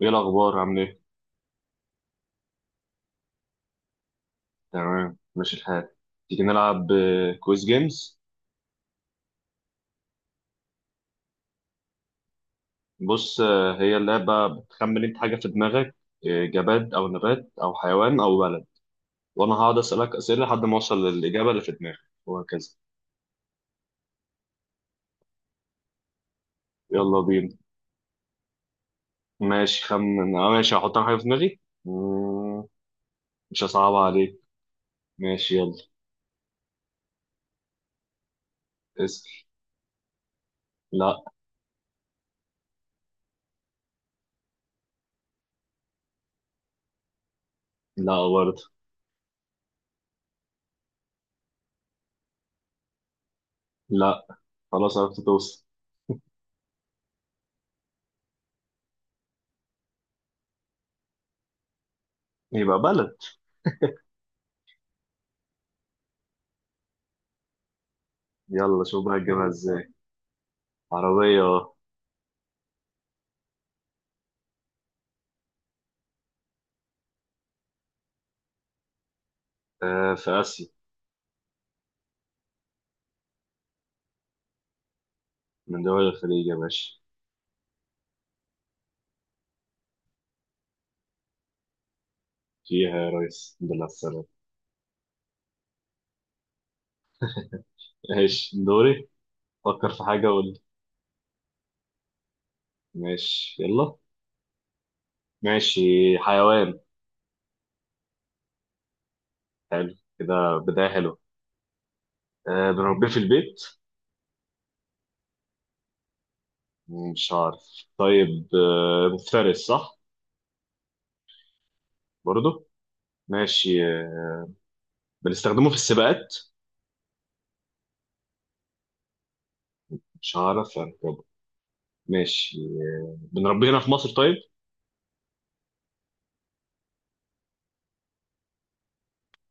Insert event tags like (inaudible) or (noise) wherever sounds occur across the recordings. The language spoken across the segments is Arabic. ايه الاخبار؟ عامل ايه؟ تمام، ماشي الحال. تيجي نلعب كويز جيمز. بص، هي اللعبه بتخمن انت حاجه في دماغك. جماد او نبات او حيوان او بلد. وانا هقعد اسالك اسئله لحد ما اوصل للاجابه اللي في دماغك. وهكذا. يلا بينا. ماشي، خمن. اه ماشي، هحط انا حاجه في دماغي. مم، مش هصعبها عليك. ماشي، يلا. اسال. لا. لا برضه. لا. خلاص، عرفت توصل. يبقى بلد. يلا شوف بقى هتجيبها ازاي. عربيه. في اسيا. من دول الخليج يا باشا. فيها يا ريس، الحمد لله على السلامة. ماشي، دوري. فكر في حاجة قول لي. ماشي، يلا. ماشي. حيوان. حلو، كده بداية حلوة. بنربيه في البيت. مش عارف، طيب، مفترس صح؟ برضه. ماشي، بنستخدمه في السباقات. مش عارف أركبه. ماشي، بنربيه هنا في مصر؟ طيب،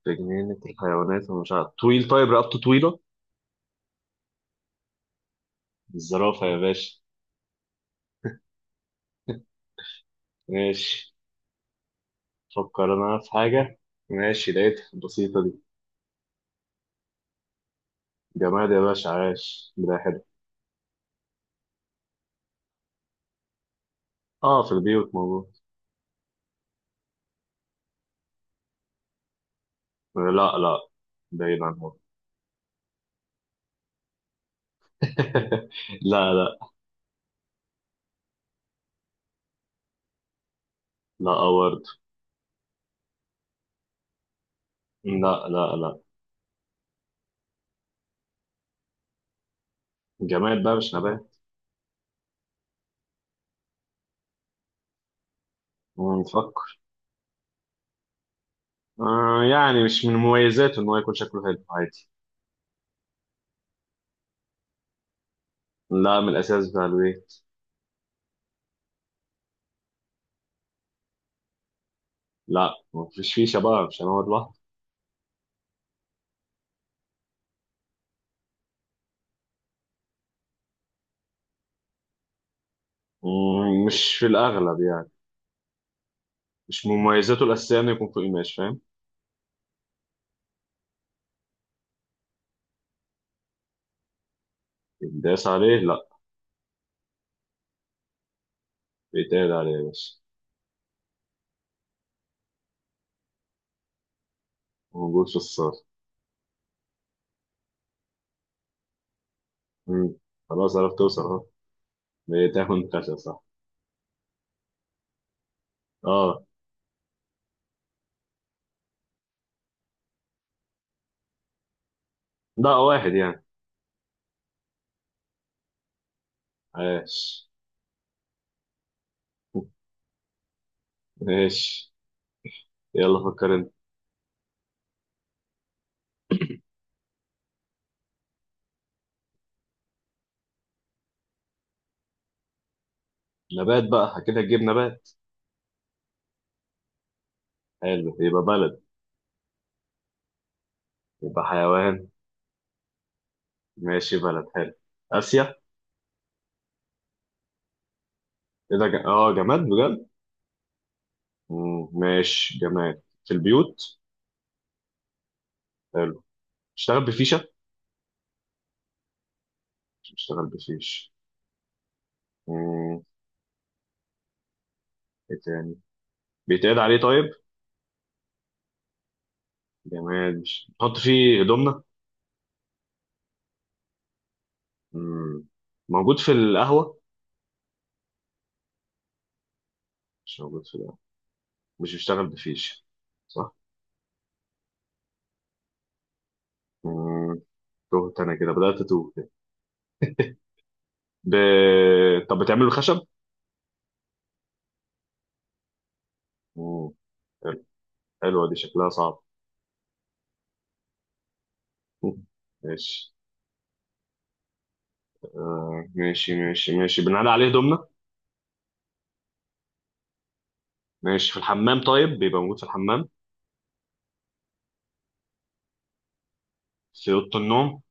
في جنينة الحيوانات، ومش عارف. طويل؟ طيب، رقبته طويلة. الزرافة يا باشا. ماشي. فكر انا في حاجة. ماشي، لقيتها بسيطة دي. جماد يا باشا، عاش، بداية حلوة. اه، في البيوت موجود. لا لا، بعيد عن هون. (laughs) لا لا لا. برضه. لا لا لا. جماد بقى مش نبات. نفكر. آه يعني مش من مميزاته ان هو يكون شكله حلو، عادي. لا، من الاساس بتاع البيت. لا، مفيش فيه شباب، مش هنقعد لوحده. مش في الاغلب يعني. مش من مميزاته الاساسيه انه يكون فوق قماش، فاهم. يتداس عليه لا. بيتقعد عليه يا باشا. موجود في الصالة. مم. خلاص عرفت توصل اهو. بتاخد خشب صح؟ اه. ده واحد يعني. عاش. ماشي، يلا فكر انت. نبات بقى كده تجيب نبات. حلو، يبقى بلد. يبقى حيوان. ماشي، بلد حلو. آسيا. كده اه جماد بجد. ماشي، جماد في البيوت. حلو. اشتغل بفيشة. اشتغل بفيش. مم. ايه تاني؟ بيتقعد عليه طيب؟ جماد، مش نحط فيه هدومنا. مم. موجود في القهوة؟ مش موجود في القهوة. مش بيشتغل بفيش صح. مم، تهت انا كده، بدأت اتوه كده. ب... طب بتعمله خشب؟ مم، حلو. حلوة دي، شكلها صعب. مم، ماشي. آه ماشي ماشي ماشي، بنعلي عليه دومنا. ماشي، في الحمام؟ طيب، بيبقى موجود في الحمام؟ في أوضة النوم.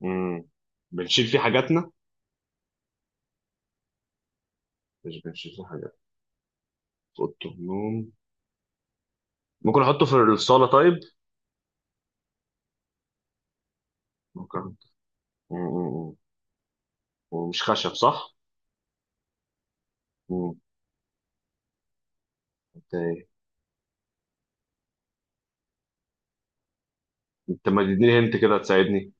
مم. بنشيل فيه حاجاتنا. مش بنشيل فيه حاجات. في أوضة النوم. ممكن أحطه في الصالة طيب؟ ممكن. مم. ومش خشب صح؟ مم. أنت إيه؟ أنت ما تديني، هنت كده تساعدني.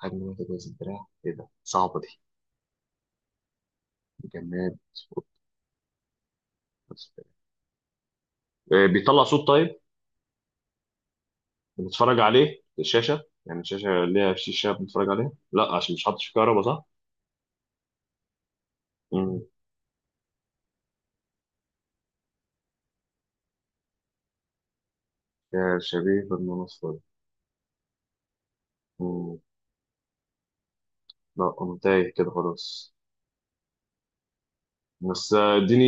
حجم واحد، وزن دراع، ايه ده؟ صعبة دي. جماد بس. بيطلع صوت طيب؟ بنتفرج عليه؟ الشاشة يعني، الشاشة ليها شاشة بنتفرج عليها لا، عشان مش حاطط فيه كهرباء صح؟ مم. يا شبيه بالمنصة دي. مم. لا أنا تايه كده، خلاص. بس اديني.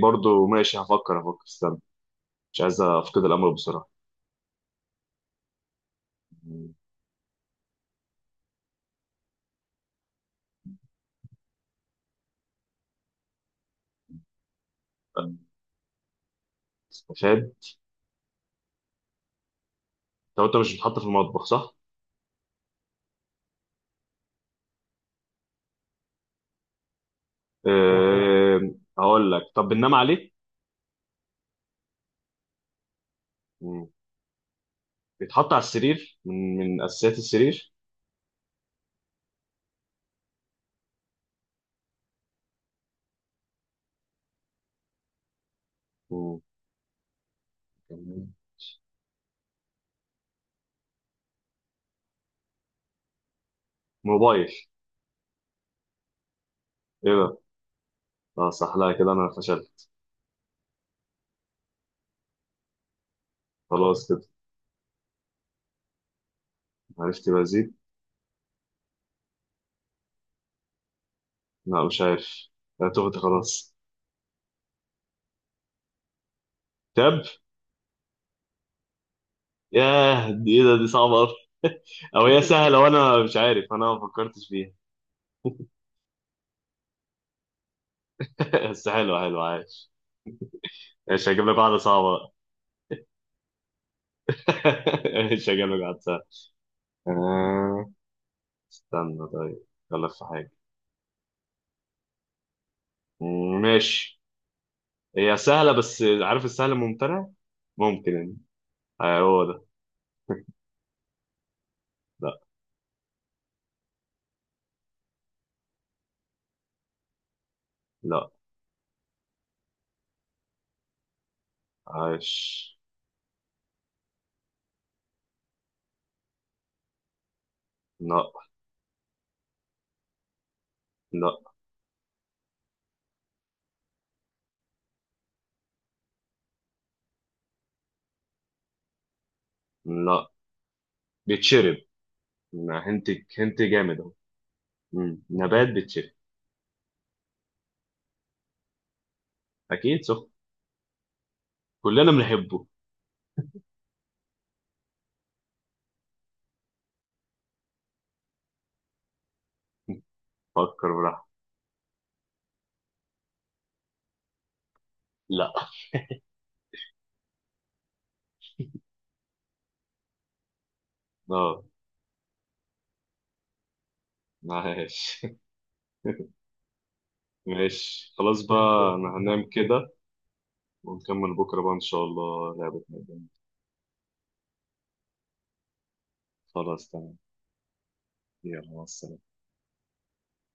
برضو ماشي، هفكر هفكر، استنى. مش عايز أفقد الأمل بسرعة. مم. آه، استفاد. طب أنت مش بتحط في المطبخ صح؟ لا. هقول لك، طب بننام عليه؟ مم. بيتحط على السرير، من أساسيات السرير. مم. جميل. موبايل؟ ايه ده، اه صح. لا كده انا فشلت. خلاص كده، عرفت بزيد. لا مش عارف، انا تهت خلاص. تاب. ياه دي ايه ده، دي صعبة أوي. (laughs) او هي سهلة وانا مش عارف، انا ما فكرتش فيها. (laughs) بس حلو، حلو، عايش. مش هجيب لك واحدة صعبة بقى. (laughs) مش هجيب لك واحدة سهلة. آه، استنى طيب، غلط في حاجة. ماشي. هي سهلة بس، عارف السهل الممتنع؟ ممكن يعني. هو ده. لا. لا عايش. لا لا لا. بيتشرب. أنا هنت، هنت جامد اهو. نبات بيتشرب. اكيد سخن. كلنا بنحبه. فكر براحتك. لا. اه. ماشي. (laughs) ماشي خلاص بقى، انا هنام كده. ونكمل بكره بقى ان شاء الله لعبة ميدان. خلاص تمام. يلا، مع السلامه.